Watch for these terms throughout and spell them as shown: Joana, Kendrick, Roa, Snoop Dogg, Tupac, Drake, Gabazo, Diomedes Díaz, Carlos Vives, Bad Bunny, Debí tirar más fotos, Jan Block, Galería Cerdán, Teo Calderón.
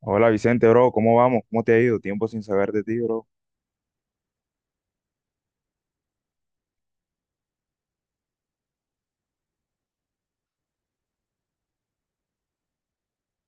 Hola Vicente, bro, ¿cómo vamos? ¿Cómo te ha ido? Tiempo sin saber de ti, bro.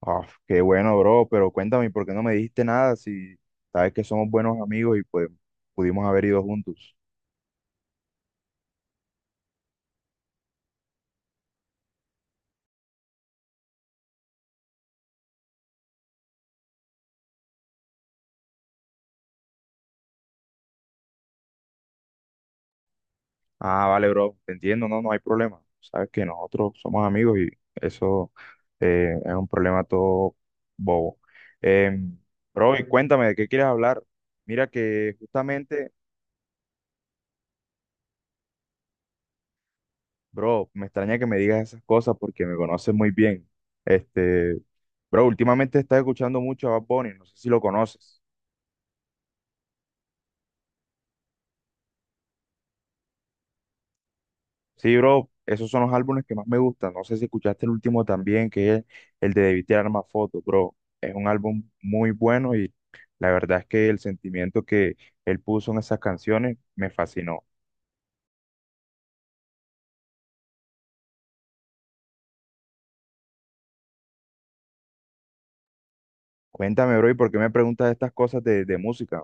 Ah, qué bueno, bro, pero cuéntame, ¿por qué no me dijiste nada si sabes que somos buenos amigos y pues pudimos haber ido juntos? Ah, vale, bro, te entiendo, no, no hay problema. Sabes que nosotros somos amigos y eso es un problema todo bobo. Em, bro, y cuéntame, ¿de qué quieres hablar? Mira que justamente, bro, me extraña que me digas esas cosas porque me conoces muy bien. Este, Bro, últimamente estás escuchando mucho a Bad Bunny, no sé si lo conoces. Sí, bro, esos son los álbumes que más me gustan. No sé si escuchaste el último también, que es el de Debí tirar más fotos, bro. Es un álbum muy bueno y la verdad es que el sentimiento que él puso en esas canciones me fascinó. Cuéntame, bro, ¿y por qué me preguntas estas cosas de música?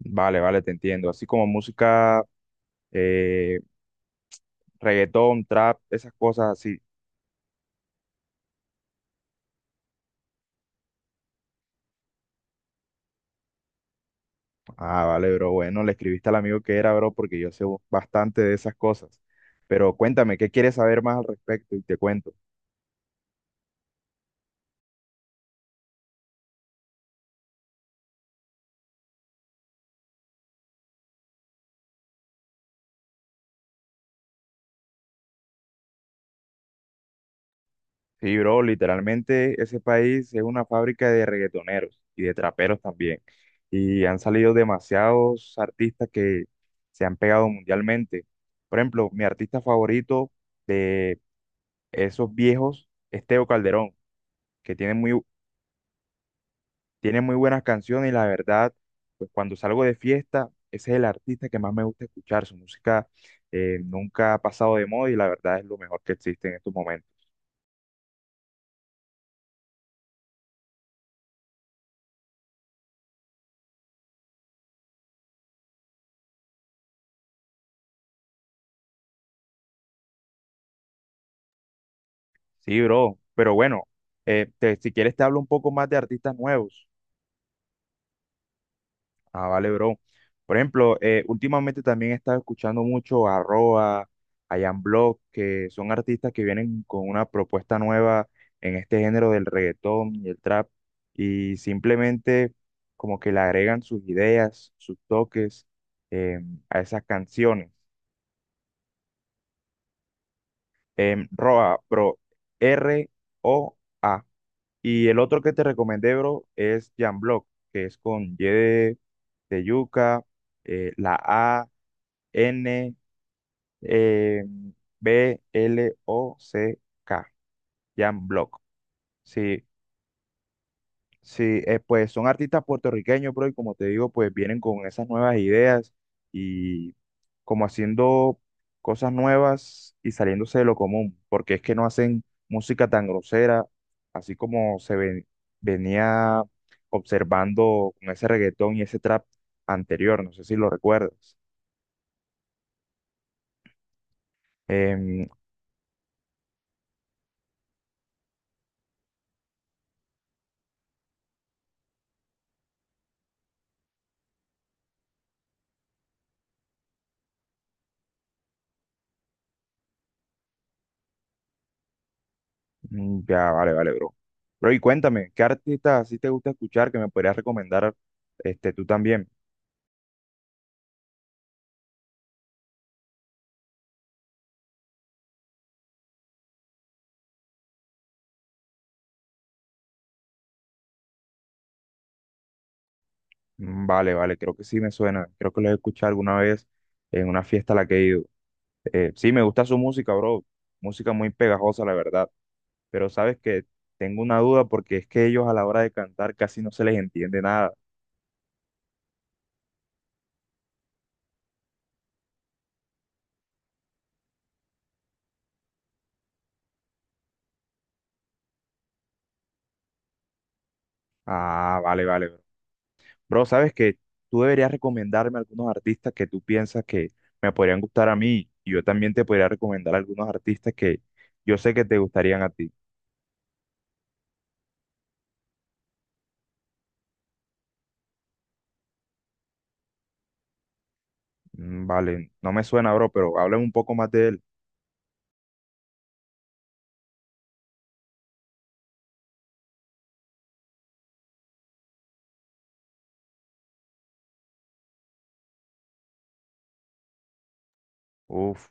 Vale, vale, te entiendo. Así como música, eh, reggaetón, trap, esas cosas así. Ah, vale, bro. Bueno, le escribiste al amigo que era, bro, porque yo sé bastante de esas cosas. Pero cuéntame, ¿qué quieres saber más al respecto? Y te cuento. Sí, bro, literalmente ese país es una fábrica de reggaetoneros y de traperos también. Y han salido demasiados artistas que se han pegado mundialmente. Por ejemplo, mi artista favorito de esos viejos es Teo Calderón, que tiene muy Tiene muy buenas canciones y la verdad, pues cuando salgo de fiesta, ese es el artista que más me gusta escuchar. Su música nunca ha pasado de moda y la verdad es lo mejor que existe en estos momentos. Sí, bro, pero bueno, si quieres te hablo un poco más de artistas nuevos. Ah, vale, bro. Por ejemplo, últimamente también he estado escuchando mucho a Roa, a Jan Block, que son artistas que vienen con una propuesta nueva en este género del reggaetón y el trap, y simplemente como que le agregan sus ideas, sus toques eh, a esas canciones. Roa, bro, R-O-A. Y el otro que te recomendé, bro, es Jan Block, que es con Y de yuca, la A. N eh, B-L-O-C-K, Jan Block. Sí, sí, pues son artistas puertorriqueños, bro, y como te digo, pues vienen con esas nuevas ideas y como haciendo cosas nuevas y saliéndose de lo común, porque es que no hacen música tan grosera, así como venía observando con ese reggaetón y ese trap anterior, no sé si lo recuerdas. Em, Ya, vale, vale, bro. Bro, y cuéntame, ¿qué artista así te gusta escuchar que me podrías recomendar tú también? Vale, vale, creo que sí me suena. Creo que lo he escuchado alguna vez en una fiesta a la que he ido. Sí, me gusta su música, bro. Música muy pegajosa, la verdad. Pero sabes que tengo una duda porque es que ellos a la hora de cantar casi no se les entiende nada. Ah, vale, vale, bro. Bro, sabes que tú deberías recomendarme algunos artistas que tú piensas que me podrían gustar a mí y yo también te podría recomendar algunos artistas que yo sé que te gustarían a ti. Vale, no me suena, bro, pero háblame un poco más de él. Uf,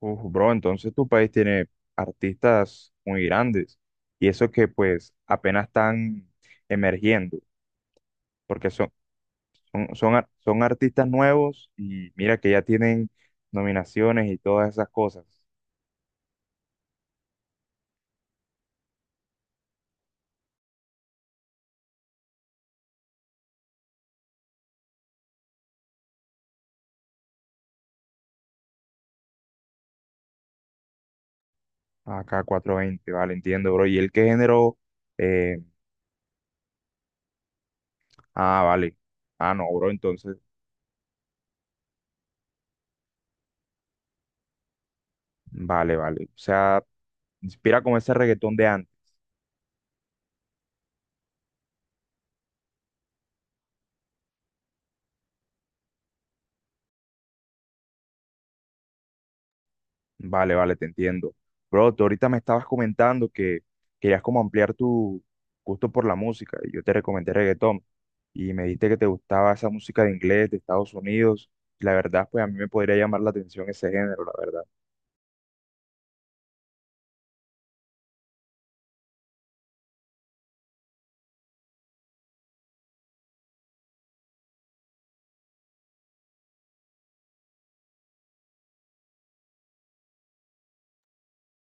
uf, bro, entonces tu país tiene artistas muy grandes y eso que pues apenas están emergiendo porque son artistas nuevos y mira que ya tienen nominaciones y todas esas cosas. Acá 420, vale, entiendo, bro. ¿Y el qué género? Eh, ah, vale. Ah, no, bro, entonces, vale, vale. O sea, inspira como ese reggaetón de antes. Vale, vale, te entiendo. Bro, tú ahorita me estabas comentando que querías como ampliar tu gusto por la música. Yo te recomendé reggaetón y me dijiste que te gustaba esa música de inglés, de Estados Unidos. La verdad, pues a mí me podría llamar la atención ese género, la verdad.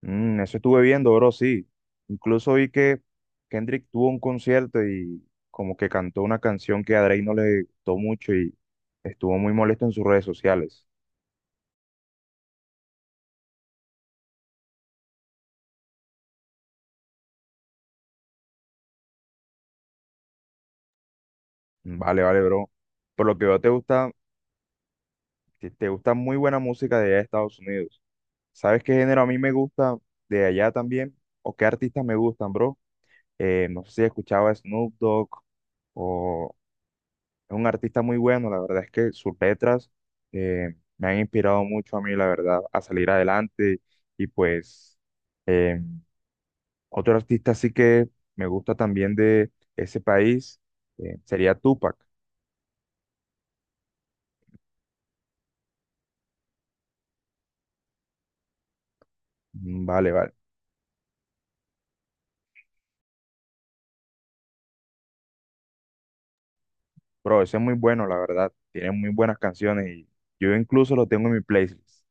Mm, eso estuve viendo, bro, sí. Incluso vi que Kendrick tuvo un concierto y como que cantó una canción que a Drake no le gustó mucho y estuvo muy molesto en sus redes sociales. Vale, vale, bro. Por lo que veo, te gusta muy buena música de allá de Estados Unidos. ¿Sabes qué género a mí me gusta de allá también? ¿O qué artistas me gustan, bro? No sé si escuchaba Snoop Dogg o, Es un artista muy bueno, la verdad es que sus letras me han inspirado mucho a mí, la verdad, a salir adelante. Y pues eh, otro artista sí que me gusta también de ese país sería Tupac. Vale, vale. Pero ese es muy bueno, la verdad. Tiene muy buenas canciones y yo incluso lo tengo en mi playlist.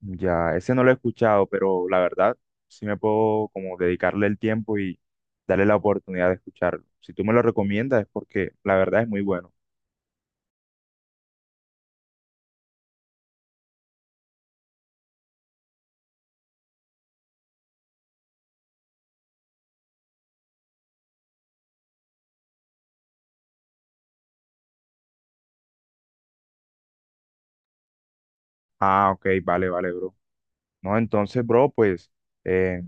Ya, ese no lo he escuchado, pero la verdad sí me puedo como dedicarle el tiempo y darle la oportunidad de escucharlo. Si tú me lo recomiendas es porque la verdad es muy bueno. Ah, ok, vale, vale, bro. No, entonces, bro, pues, eh,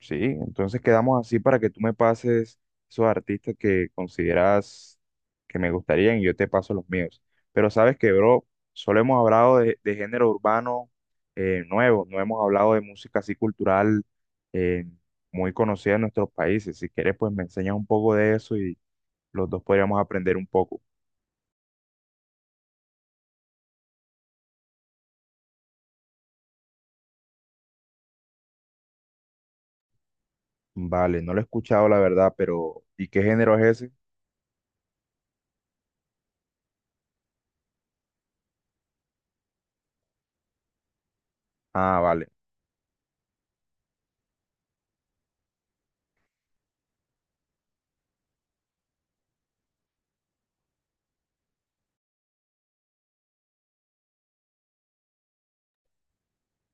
sí, entonces quedamos así para que tú me pases esos artistas que consideras que me gustarían y yo te paso los míos. Pero sabes que, bro, solo hemos hablado de género urbano nuevo, no hemos hablado de música así cultural eh, muy conocida en nuestros países. Si quieres, pues me enseñas un poco de eso y los dos podríamos aprender un poco. Vale, no lo he escuchado, la verdad, pero ¿y qué género es ese? Ah, vale.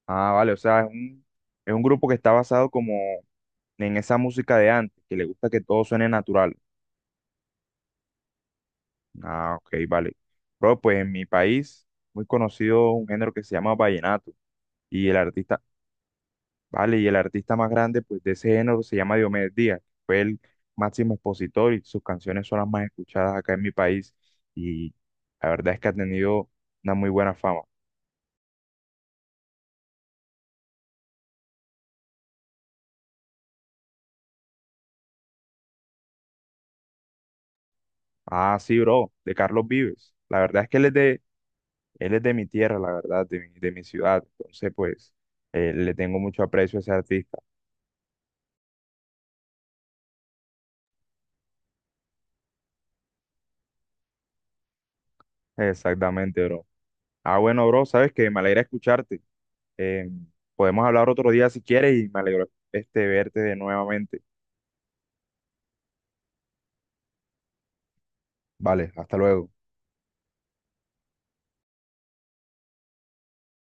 Ah, vale, o sea, es un grupo que está basado como en esa música de antes, que le gusta que todo suene natural. Ah, ok, vale. Bro, pues en mi país, muy conocido un género que se llama vallenato, y el artista, vale, y el artista más grande, pues, de ese género se llama Diomedes Díaz, fue el máximo expositor y sus canciones son las más escuchadas acá en mi país, y la verdad es que ha tenido una muy buena fama. Ah, sí, bro, de Carlos Vives. La verdad es que él es de Él es de mi tierra, la verdad, de mi ciudad. Entonces, pues, le tengo mucho aprecio a ese artista. Exactamente, bro. Ah, bueno, bro, sabes que me alegra escucharte. Eh, podemos hablar otro día si quieres y me alegro verte de nuevamente. Vale, hasta luego.